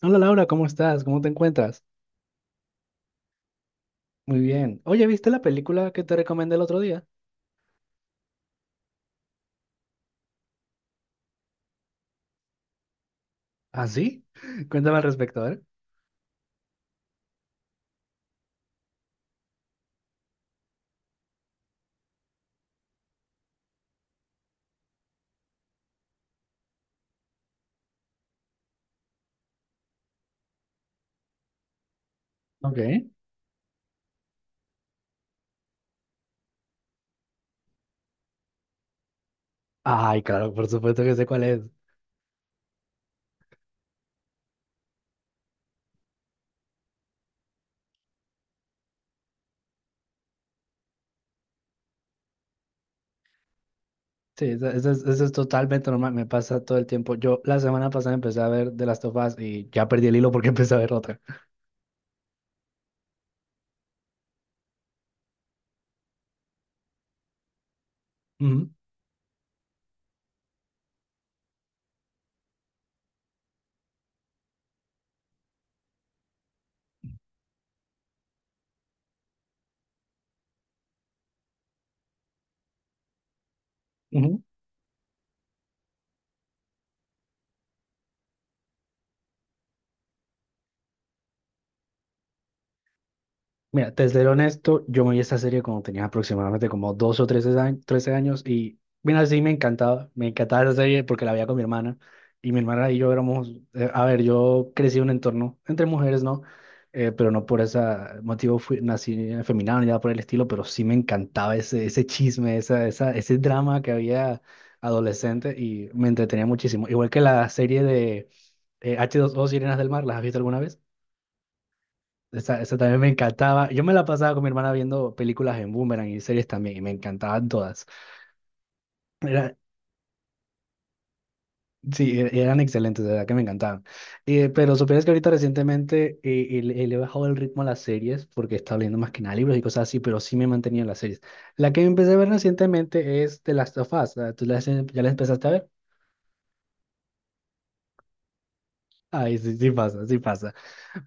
Hola Laura, ¿cómo estás? ¿Cómo te encuentras? Muy bien. Oye, ¿viste la película que te recomendé el otro día? ¿Ah, sí? Cuéntame al respecto, ¿eh? Ok. Ay, claro, por supuesto que sé cuál es. Sí, eso es totalmente normal, me pasa todo el tiempo. Yo la semana pasada empecé a ver de las Us y ya perdí el hilo porque empecé a ver otra. Ujú, ujú. Mira, te seré honesto, yo me vi esta serie cuando tenía aproximadamente como 12 o 13 años, 13 años y mira, sí me encantaba esa serie porque la veía con mi hermana. Y mi hermana y yo éramos, a ver, yo crecí en un entorno entre mujeres, ¿no? Pero no por ese motivo fui, nací afeminado ni nada por el estilo, pero sí me encantaba ese chisme, ese drama que había adolescente y me entretenía muchísimo. Igual que la serie de H2O Sirenas del Mar, ¿las has visto alguna vez? Esa también me encantaba. Yo me la pasaba con mi hermana viendo películas en Boomerang y series también, y me encantaban todas. Era, sí, eran excelentes, de verdad que me encantaban. Pero supieras que ahorita recientemente le he bajado el ritmo a las series porque estaba leyendo más que nada libros y cosas así, pero sí me he mantenido en las series. La que empecé a ver recientemente es The Last of Us. Ah, ya la empezaste a ver? Ay, sí, sí pasa, sí pasa.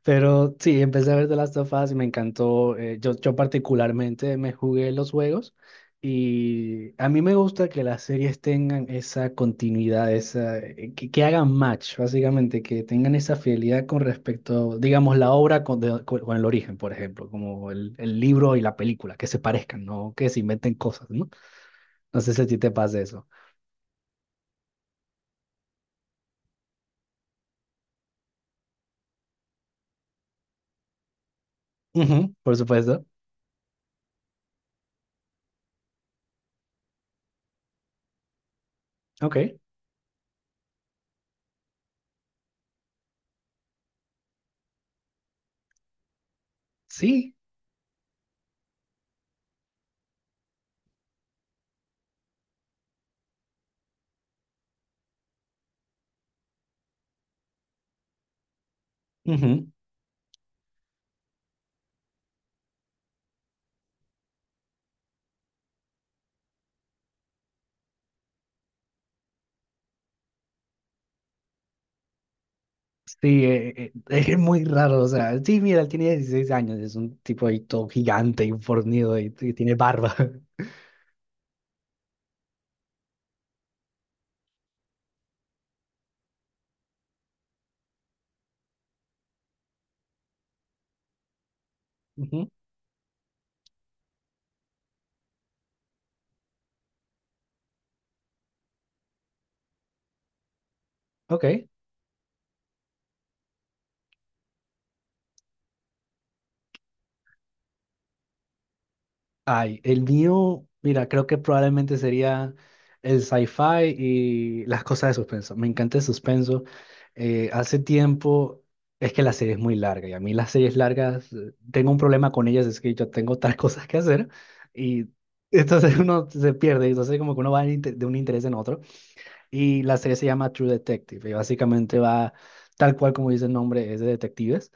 Pero sí, empecé a ver The Last of Us y me encantó. Yo particularmente me jugué los juegos y a mí me gusta que las series tengan esa continuidad, esa, que hagan match, básicamente, que tengan esa fidelidad con respecto, digamos, la obra con, con el origen, por ejemplo, como el libro y la película, que se parezcan, no que se inventen cosas, ¿no? No sé si a ti te pasa eso. Ujú, por supuesto. Ok. Sí. Sí, es muy raro, o sea, sí, mira, él tiene 16 años, es un tipo ahí todo gigante y fornido y tiene barba. Ujú, ok. Ay, el mío, mira, creo que probablemente sería el sci-fi y las cosas de suspenso. Me encanta el suspenso. Hace tiempo, es que la serie es muy larga y a mí las series largas, tengo un problema con ellas, es que yo tengo otras cosas que hacer y entonces uno se pierde, entonces como que uno va de de un interés en otro. Y la serie se llama True Detective y básicamente va tal cual como dice el nombre, es de detectives.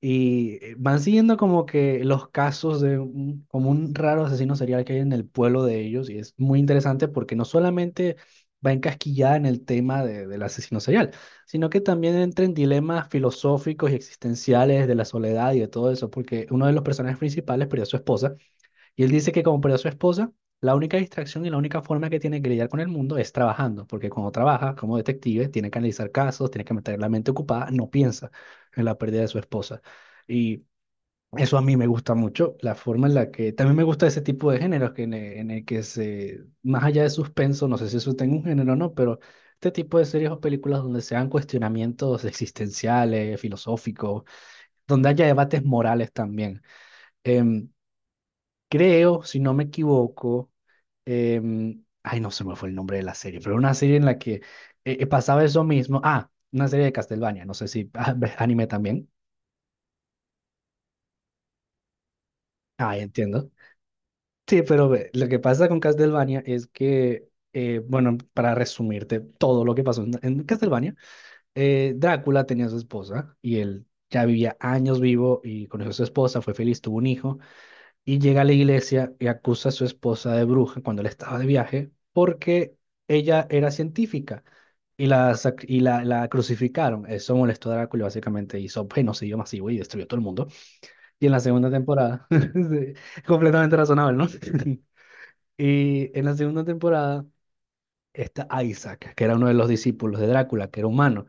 Y van siguiendo como que los casos de como un raro asesino serial que hay en el pueblo de ellos y es muy interesante porque no solamente va encasquillada en el tema del asesino serial, sino que también entra en dilemas filosóficos y existenciales de la soledad y de todo eso, porque uno de los personajes principales perdió a su esposa y él dice que como perdió a su esposa, la única distracción y la única forma que tiene que lidiar con el mundo es trabajando, porque cuando trabaja como detective tiene que analizar casos, tiene que mantener la mente ocupada, no piensa en la pérdida de su esposa. Y eso a mí me gusta mucho, la forma en la que también me gusta ese tipo de géneros que en en el que se, más allá de suspenso, no sé si eso tenga un género o no, pero este tipo de series o películas donde se dan cuestionamientos existenciales, filosóficos, donde haya debates morales también. Em, Creo, si no me equivoco, ay, no se me fue el nombre de la serie, pero era una serie en la que pasaba eso mismo. Ah, una serie de Castlevania, no sé si anime también. Ah, entiendo. Sí, pero ve, lo que pasa con Castlevania es que, bueno, para resumirte todo lo que pasó en Castlevania, Drácula tenía a su esposa y él ya vivía años vivo y conoció a su esposa, fue feliz, tuvo un hijo. Y llega a la iglesia y acusa a su esposa de bruja cuando él estaba de viaje porque ella era científica y la, sac- y la crucificaron. Eso molestó a Drácula, y básicamente hizo genocidio masivo y destruyó todo el mundo. Y en la segunda temporada, sí, completamente razonable, ¿no? Y en la segunda temporada está Isaac, que era uno de los discípulos de Drácula, que era humano.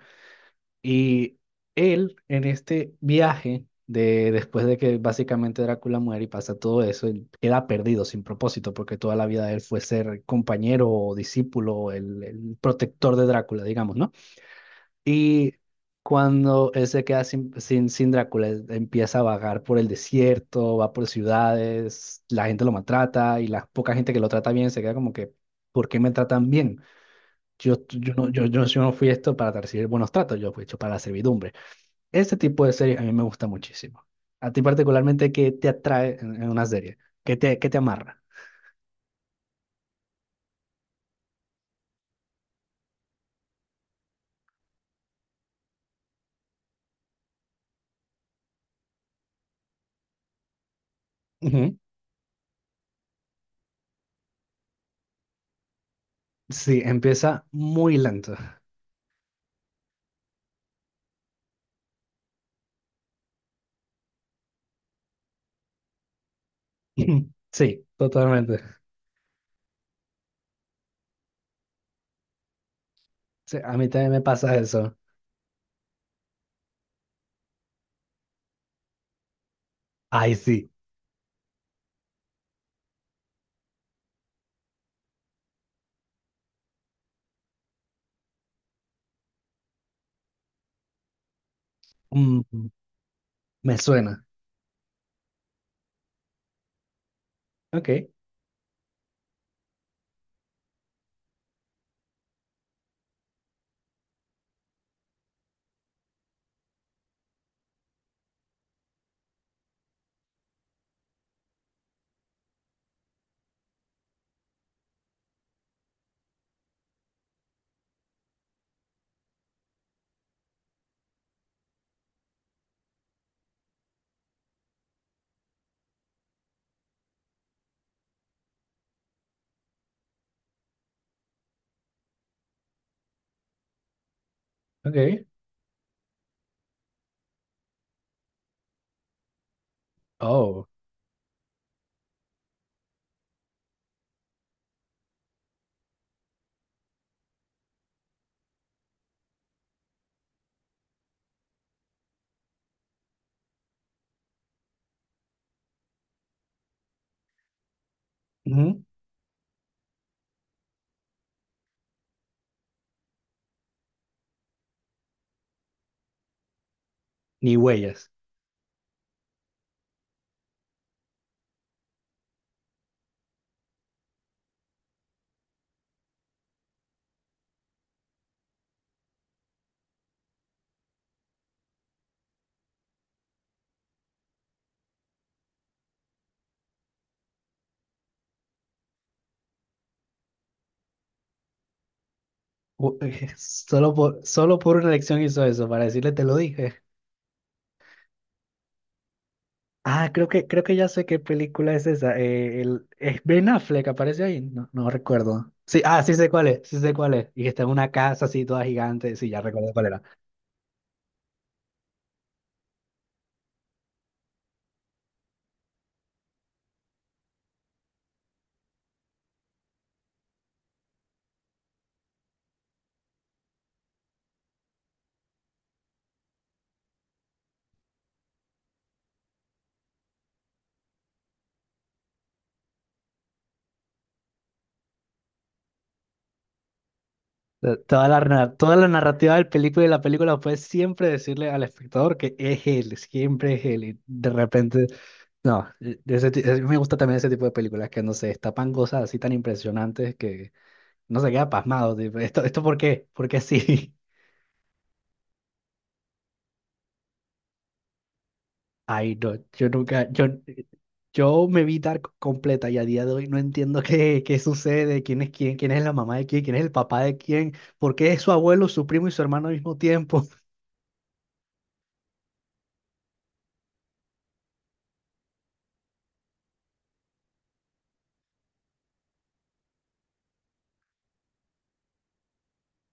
Y él, en este viaje, de, después de que básicamente Drácula muere y pasa todo eso, él queda perdido, sin propósito, porque toda la vida de él fue ser compañero o discípulo, el protector de Drácula, digamos, ¿no? Y cuando él se queda sin Drácula, él empieza a vagar por el desierto, va por ciudades, la gente lo maltrata y la poca gente que lo trata bien se queda como que, ¿por qué me tratan bien? No, yo no fui esto para recibir buenos tratos, yo fui hecho para la servidumbre. Este tipo de series a mí me gusta muchísimo. A ti particularmente, ¿qué te atrae en una serie? Qué te amarra? Ujú. Sí, empieza muy lento. Sí, totalmente. Sí, a mí también me pasa eso. Ay, sí. Mm, me suena. Ok, ok. Oh, ujú. Ni huellas. Hu- solo por una elección hizo eso, para decirle te lo dije. Ah, creo que ya sé qué película es esa. Es Ben Affleck, aparece ahí. No, no recuerdo. Sí, ah, sí sé cuál es, sí sé cuál es. Y que está en una casa así toda gigante. Sí, ya recuerdo cuál era. Toda la narrativa del película y de la película fue siempre decirle al espectador que es él, siempre es él. Y de repente, no, me gusta también ese tipo de películas que, no sé, destapan cosas así tan impresionantes que no se queda pasmado. Tipo, esto por qué? ¿Por qué sí? Ay, no, yo nunca, yo me vi Dark completa y a día de hoy no entiendo qué, qué sucede, quién es quién, quién es la mamá de quién, quién es el papá de quién, por qué es su abuelo, su primo y su hermano al mismo tiempo.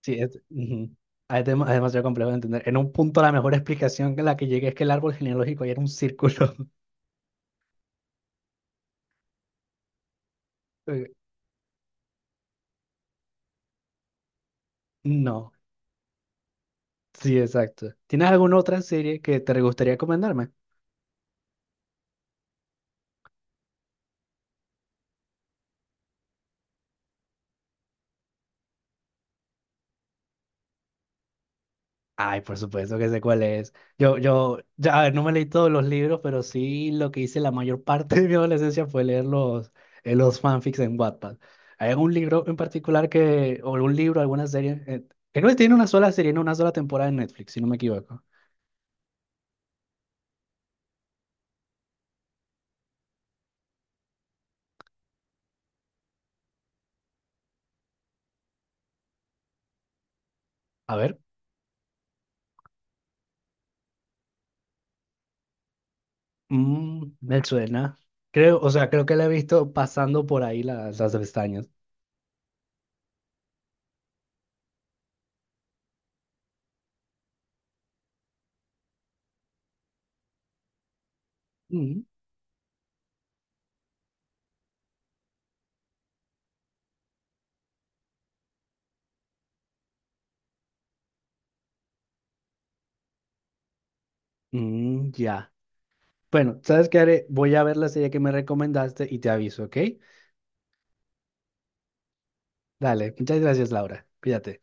Sí, es, ujú. Ah, es demasiado complejo de entender. En un punto la mejor explicación que la que llegué es que el árbol genealógico ya era un círculo. Eh, no, sí, exacto. ¿Tienes alguna otra serie que te gustaría recomendarme? Ay, por supuesto que sé cuál es. Ya, a ver, no me leí todos los libros, pero sí lo que hice la mayor parte de mi adolescencia fue leer los fanfics en Wattpad. ¿Hay algún libro en particular que, o algún libro, alguna serie? Creo que no tiene una sola serie, no una sola temporada en Netflix, si no me equivoco. A ver, mm, me suena. Creo, o sea, creo que la he visto pasando por ahí las pestañas. Mm, mm, ya. Bueno, ¿sabes qué haré? Voy a ver la serie que me recomendaste y te aviso, ¿ok? Dale, muchas gracias, Laura. Cuídate.